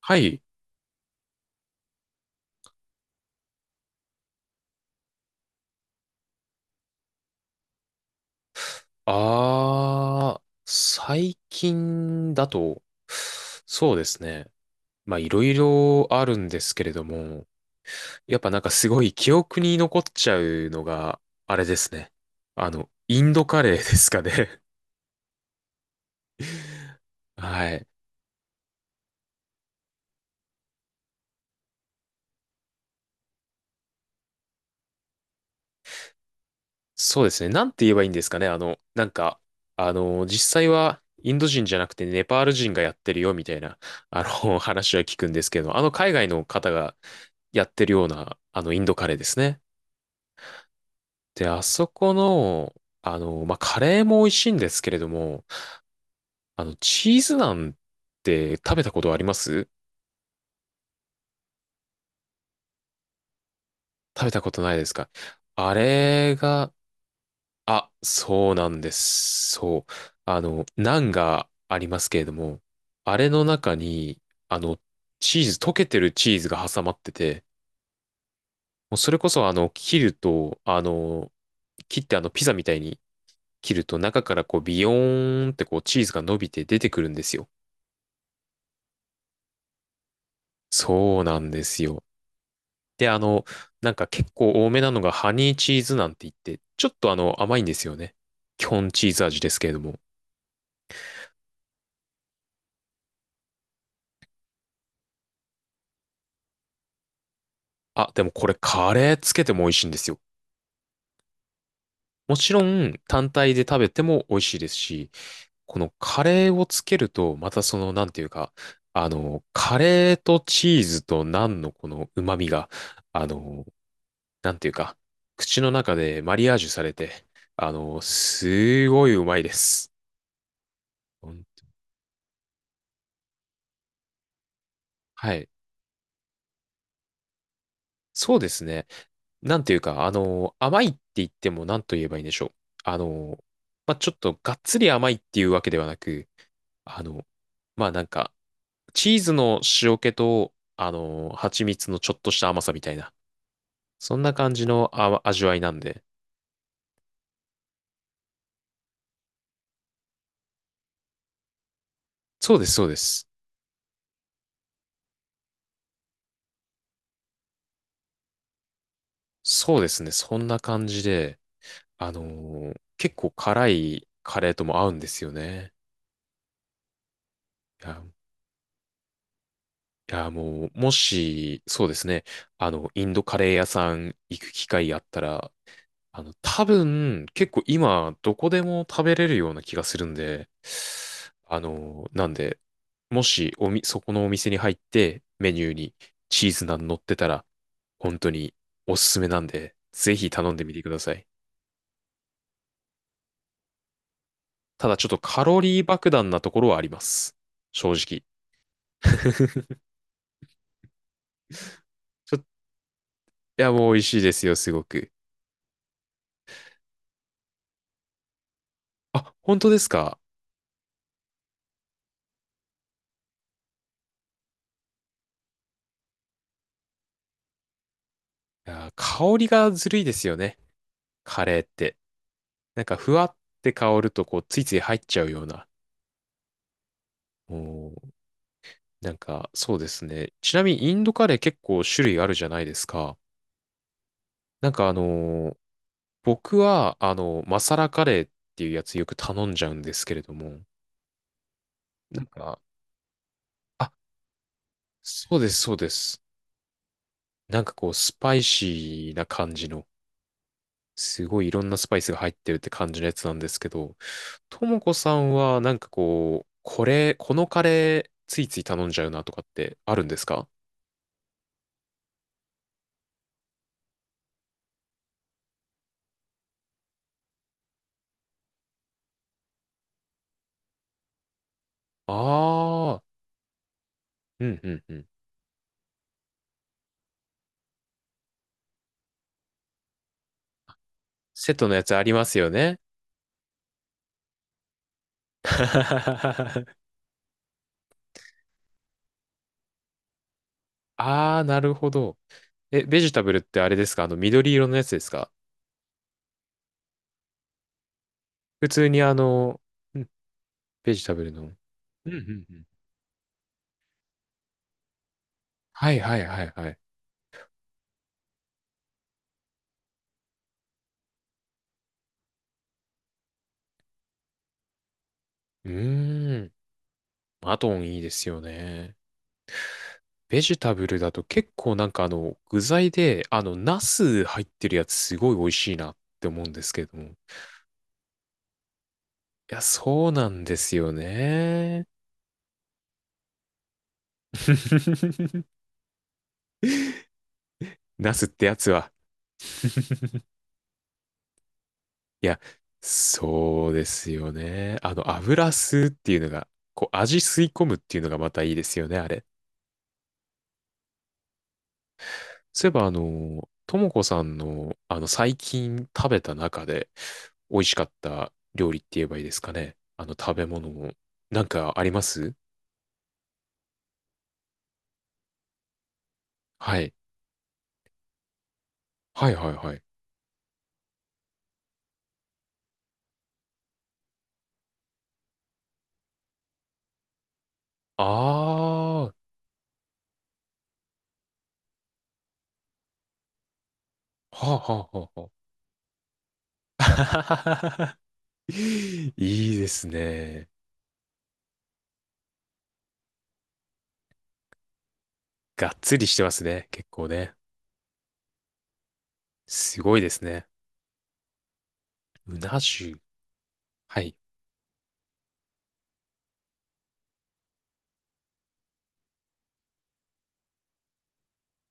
はい。最近だと、そうですね。いろいろあるんですけれども、やっぱなんかすごい記憶に残っちゃうのが、あれですね。インドカレーですかね。はい。そうですね。なんて言えばいいんですかね。実際はインド人じゃなくてネパール人がやってるよみたいな、話は聞くんですけど、あの海外の方がやってるような、インドカレーですね。で、あそこの、カレーも美味しいんですけれども、チーズナンって食べたことあります？食べたことないですか？あれが、あ、そうなんです。そう。ナンがありますけれども、あれの中に、あの、チーズ、溶けてるチーズが挟まってて、もうそれこそ、切ると、切ってピザみたいに切ると、中からこう、ビヨーンってこう、チーズが伸びて出てくるんですよ。そうなんですよ。で、結構多めなのがハニーチーズなんて言って、ちょっと甘いんですよね。基本チーズ味ですけれども。あ、でもこれカレーつけても美味しいんですよ。もちろん単体で食べても美味しいですし、このカレーをつけると、またその、なんていうか、カレーとチーズとナンのこの旨味が、あの、なんていうか、口の中でマリアージュされて、すごいうまいです。ほんはい。そうですね。なんていうか、甘いって言っても何と言えばいいんでしょう。あの、ちょっとがっつり甘いっていうわけではなく、あの、まあ、なんか、チーズの塩気と、蜂蜜のちょっとした甘さみたいな、そんな感じの味わいなんで。そうです、そうです。そうですね、そんな感じで、結構辛いカレーとも合うんですよね。いやいや、もう、もし、そうですね、インドカレー屋さん行く機会あったら、多分、結構今、どこでも食べれるような気がするんで、あの、なんで、もし、そこのお店に入って、メニューにチーズナン乗ってたら、本当におすすめなんで、ぜひ頼んでみてください。ただ、ちょっとカロリー爆弾なところはあります。正直。ちょっと、いや、もう美味しいですよ、すごく。あ、本当ですか？いやー、香りがずるいですよね。カレーって。なんか、ふわって香ると、こう、ついつい入っちゃうような。おー、なんか、そうですね。ちなみに、インドカレー結構種類あるじゃないですか。なんか、あのー僕は、あのマサラカレーっていうやつよく頼んじゃうんですけれども、なんか、あ、そうです、そうです。なんかこう、スパイシーな感じの、すごいいろんなスパイスが入ってるって感じのやつなんですけど、ともこさんは、なんかこう、これ、このカレー、ついつい頼んじゃうなとかってあるんですか？ああー、うんうんうん。セットのやつありますよね。ああ、なるほど。え、ベジタブルってあれですか？あの、緑色のやつですか？普通にあの、うんベジタブルの。うんうんうん。はいはいはいはい。うーん。マトンいいですよね。ベジタブルだと結構なんか具材で、ナス入ってるやつすごい美味しいなって思うんですけれども。いや、そうなんですよね。ナスってやつは いや、そうですよね。油吸うっていうのが、こう、味吸い込むっていうのがまたいいですよね、あれ。そういえば、ともこさんの、最近食べた中で美味しかった料理って言えばいいですかね。食べ物も、なんかあります？はい。はいはいはい。ああ、はあはあはあはあ。いいですね。がっつりしてますね。結構ね。すごいですね。うな重。はい。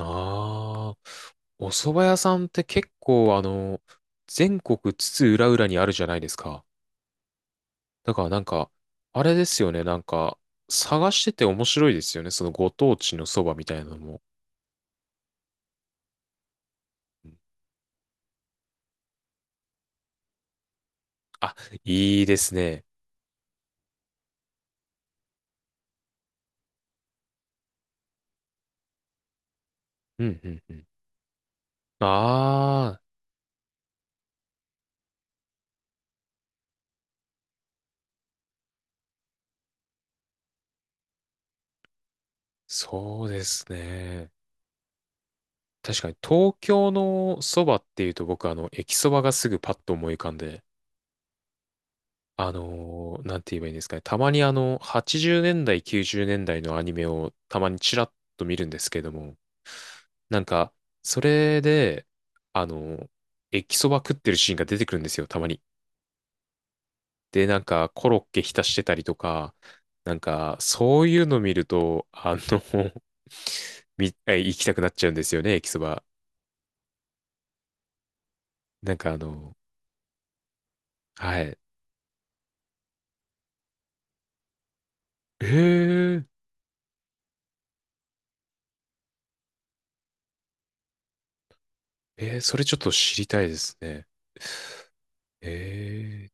ああ、お蕎麦屋さんって結構、全国津々浦々にあるじゃないですか。だからなんか、あれですよね。なんか、探してて面白いですよね。そのご当地のそばみたいなのも。うん、あ、いいですね。うん、うん、うん。ああ、そうですね。確かに東京のそばっていうと僕あの、駅そばがすぐパッと思い浮かんで、なんて言えばいいんですかね。たまにあの、80年代、90年代のアニメをたまにチラッと見るんですけども、なんか、それで、あの、駅そば食ってるシーンが出てくるんですよ、たまに。で、なんか、コロッケ浸してたりとか、なんか、そういうの見ると、あの、え行きたくなっちゃうんですよね、駅そば。なんかあの、はい。ー、えーそれちょっと知りたいですね。えー、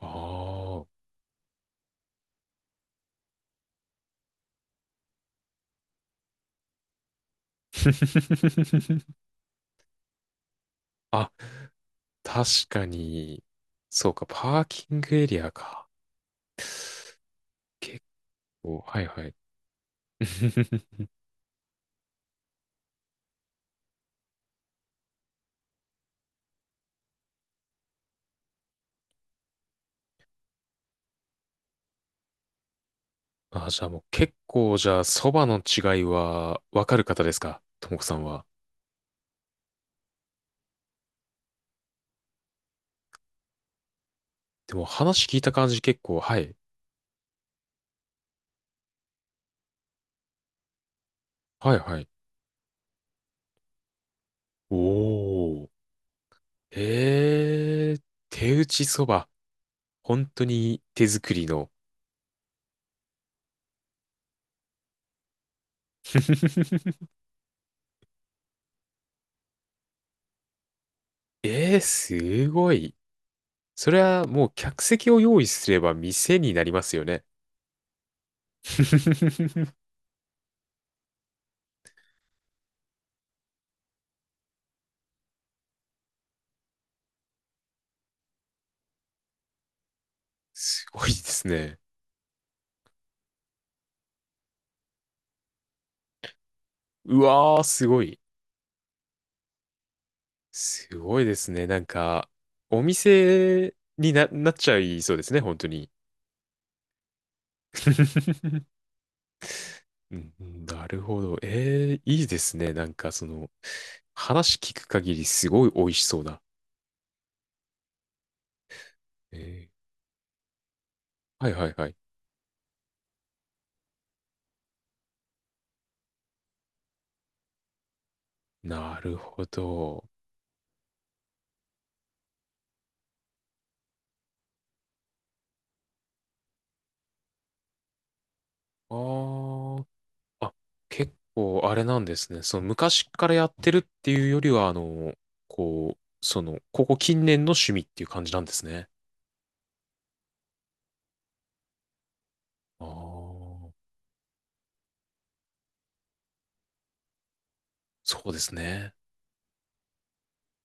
あー あ、確かに、そうか、パーキングエリアか。結構、はいはい。あ、じゃあもう結構、じゃあ、そばの違いはわかる方ですか？ともこさんは。でも話聞いた感じ結構、はい。はいはい。おー。えー、手打ちそば。本当に手作りの。えー、すごい。それはもう客席を用意すれば店になりますよね。すごいですね。うわー、すごい。すごいですね。なんか、お店になっちゃいそうですね、本当に。うんうんなるほど。ええ、いいですね。なんか、その、話聞く限りすごい美味しそうだ。ええ、はいはいはい。なるほど。あー、あ、結構あれなんですね。その、昔からやってるっていうよりは、ここ近年の趣味っていう感じなんですね。ああ、そうですね。